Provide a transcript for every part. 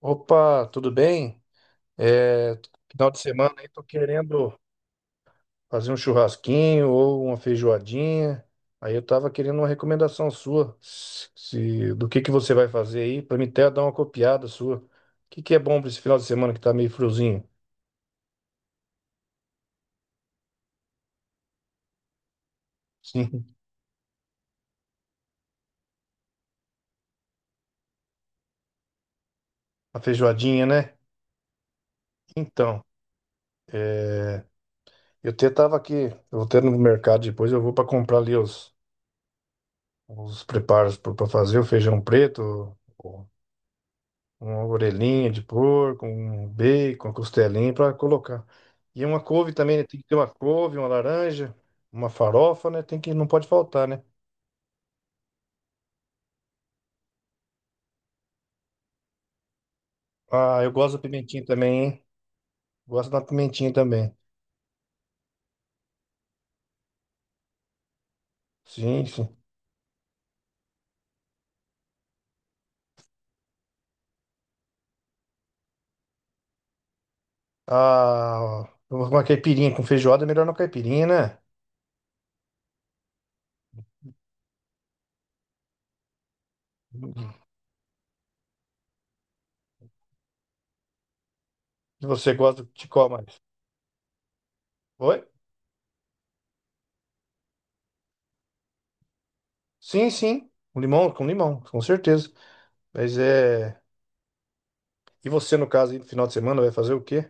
Opa, tudo bem? É, Final de semana aí tô querendo fazer um churrasquinho ou uma feijoadinha. Aí eu tava querendo uma recomendação sua, do que você vai fazer aí, pra mim até dar uma copiada sua. O que que é bom pra esse final de semana que tá meio friozinho? Sim, a feijoadinha, né? Então, eu até tava aqui, eu vou até no mercado depois, eu vou pra comprar ali os preparos pra fazer o feijão preto. Uma orelhinha de porco, um bacon, uma costelinha para colocar. E uma couve também, né? Tem que ter uma couve, uma laranja, uma farofa, né? Tem que, não pode faltar, né? Ah, eu gosto da pimentinha também, hein? Gosto da pimentinha também. Sim, sim. Ah, uma caipirinha com feijoada, é melhor na caipirinha, né? E você gosta de qual mais? Oi? Sim, sim. Com limão, com limão, com certeza. Mas é. E você, no caso, aí, no final de semana, vai fazer o quê?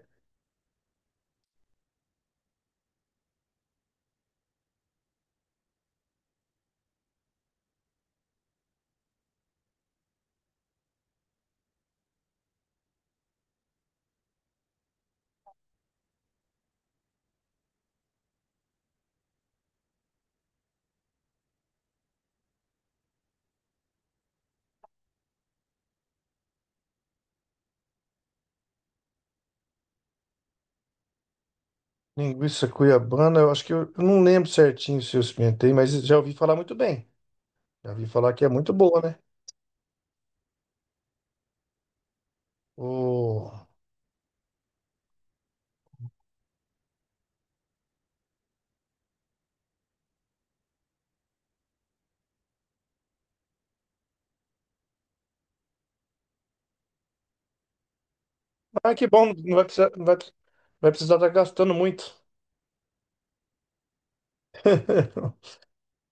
Linguiça cuiabana, eu acho que eu não lembro certinho se eu experimentei, mas já ouvi falar muito bem. Já ouvi falar que é muito boa, né? O... Ah, que bom, não vai precisar, não vai, vai precisar estar gastando muito.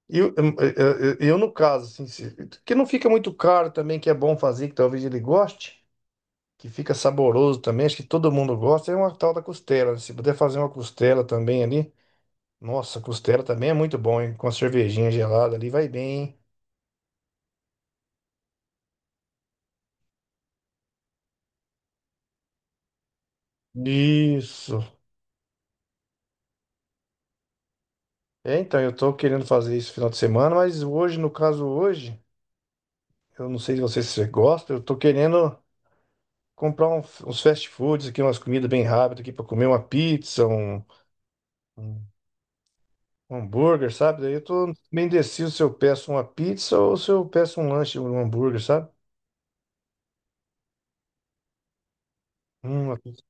Eu, eu, no caso, assim, que não fica muito caro também, que é bom fazer, que talvez ele goste, que fica saboroso também, acho que todo mundo gosta, é uma tal da costela, né? Se puder fazer uma costela também ali, nossa, costela também é muito bom, hein? Com a cervejinha gelada ali, vai bem, hein? Isso. É, então, eu tô querendo fazer isso final de semana, mas hoje, eu não sei se você, se você gosta. Eu tô querendo comprar uns fast foods aqui, umas comidas bem rápidas aqui, pra comer uma pizza, um um hambúrguer, sabe? Daí eu tô bem indeciso se eu peço uma pizza ou se eu peço um lanche, um hambúrguer, sabe? Uma pizza.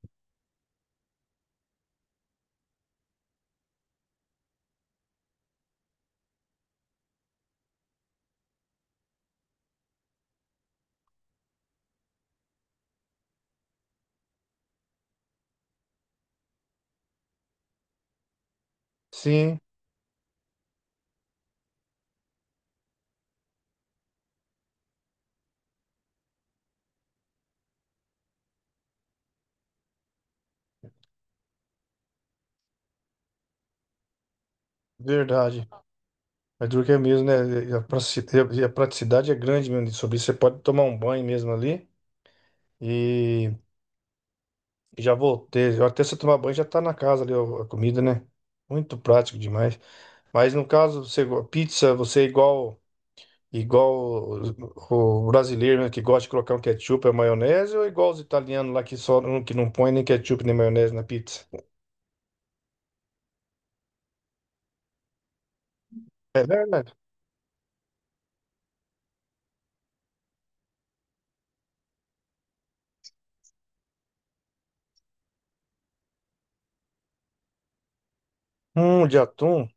Sim, verdade. Mas duro que é mesmo, né? E a pratici- e a- praticidade é grande mesmo sobre isso. Você pode tomar um banho mesmo ali. E já voltei. Eu até se eu tomar banho já tá na casa ali ó, a comida, né? Muito prático demais. Mas no caso, pizza, você é igual o brasileiro, né, que gosta de colocar um ketchup e maionese, ou é igual os italianos lá que não põe nem ketchup nem maionese na pizza? É verdade. De atum.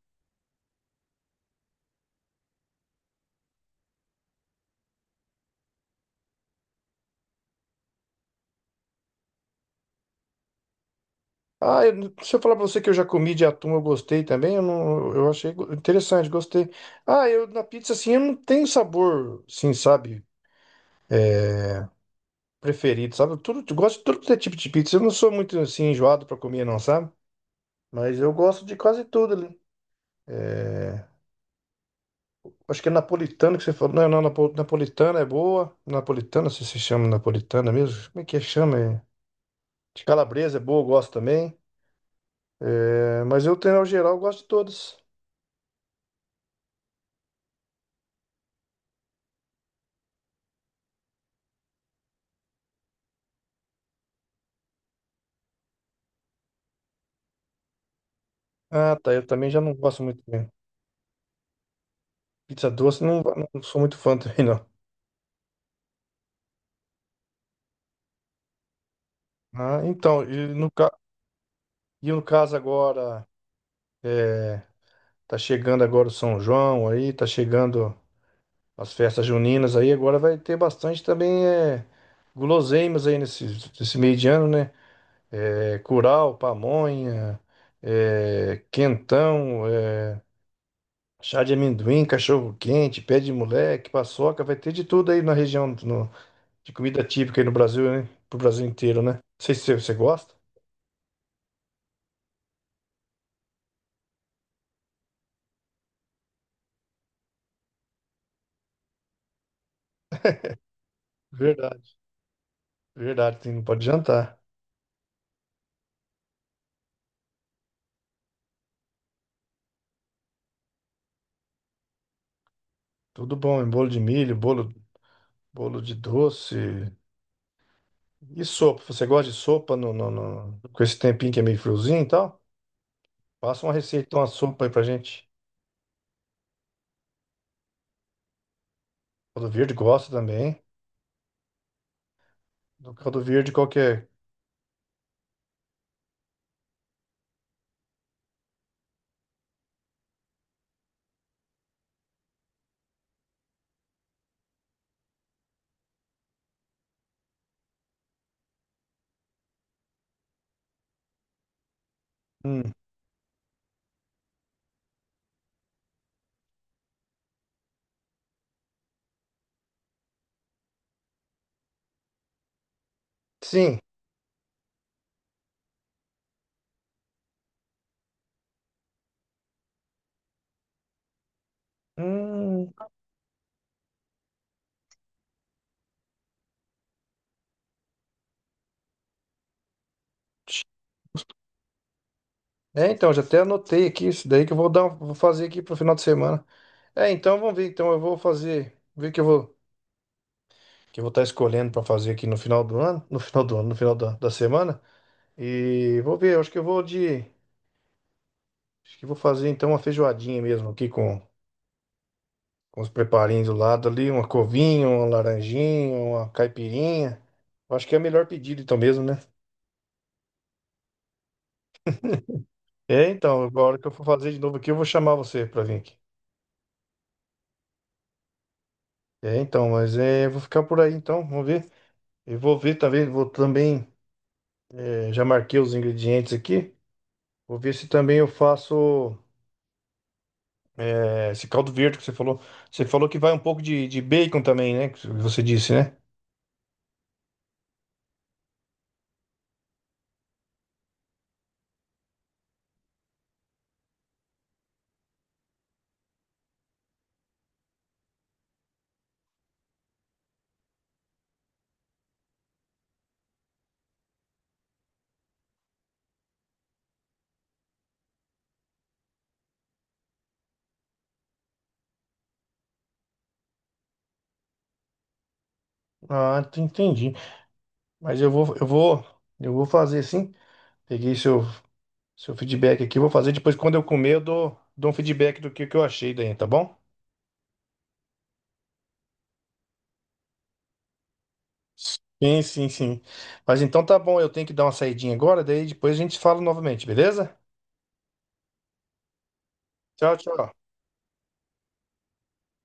Ah, eu, se eu falar pra você que eu já comi de atum, eu gostei também. Eu, não, eu achei interessante, gostei. Ah, eu na pizza assim, eu não tenho sabor, assim, sabe? É, preferido, sabe? Tudo, eu gosto de tudo que é tipo de pizza. Eu não sou muito assim enjoado pra comer, não, sabe? Mas eu gosto de quase tudo ali. É, acho que é napolitana que você falou. Não, não, napolitana é boa. Napolitana, se chama napolitana mesmo. Como é que é? Chama? É... De calabresa é boa, eu gosto também. É, mas eu, tenho, ao geral, eu gosto de todas. Ah, tá. Eu também já não gosto muito, né? Pizza doce, não, não sou muito fã também, não. Ah, então, e no caso agora, é, tá chegando agora o São João aí, tá chegando. As festas juninas aí agora vai ter bastante também, é, guloseimas aí nesse, nesse meio de ano, né? É, curau, pamonha, é, quentão, é, chá de amendoim, cachorro quente, pé de moleque, paçoca, vai ter de tudo aí na região de comida típica aí no Brasil, né? Pro Brasil inteiro, né? Não sei se você gosta. Verdade. Verdade, não pode jantar. Tudo bom, hein? Bolo de milho, bolo, bolo de doce. E sopa? Você gosta de sopa com esse tempinho que é meio friozinho e tal? Passa uma receita, uma sopa aí pra gente. Caldo verde gosta também. Do caldo verde qualquer. Hum. Sim. Hum. É, então, já até anotei aqui isso daí que vou fazer aqui pro final de semana. É, então vamos ver. Então eu vou fazer, ver que eu vou estar escolhendo pra fazer aqui no final do ano, no final do ano, no final da, da semana. E vou ver, eu acho que eu vou de, acho que eu vou fazer então uma feijoadinha mesmo aqui com os preparinhos do lado ali, uma covinha, uma laranjinha, uma caipirinha. Eu acho que é o melhor pedido então mesmo, né? É, então, agora que eu for fazer de novo aqui, eu vou chamar você pra vir aqui. É, então, mas é, eu vou ficar por aí então, vamos ver. Eu vou ver também, vou também, é, já marquei os ingredientes aqui. Vou ver se também eu faço, é, esse caldo verde que você falou. Você falou que vai um pouco de bacon também, né? Que você disse, né? Ah, entendi. Mas eu vou, eu vou, eu vou fazer sim. Peguei seu, seu feedback aqui, eu vou fazer. Depois, quando eu comer, eu dou um feedback do que eu achei daí, tá bom? Sim, sim, sim. Mas então tá bom, eu tenho que dar uma saidinha agora, daí depois a gente fala novamente, beleza? Tchau, tchau.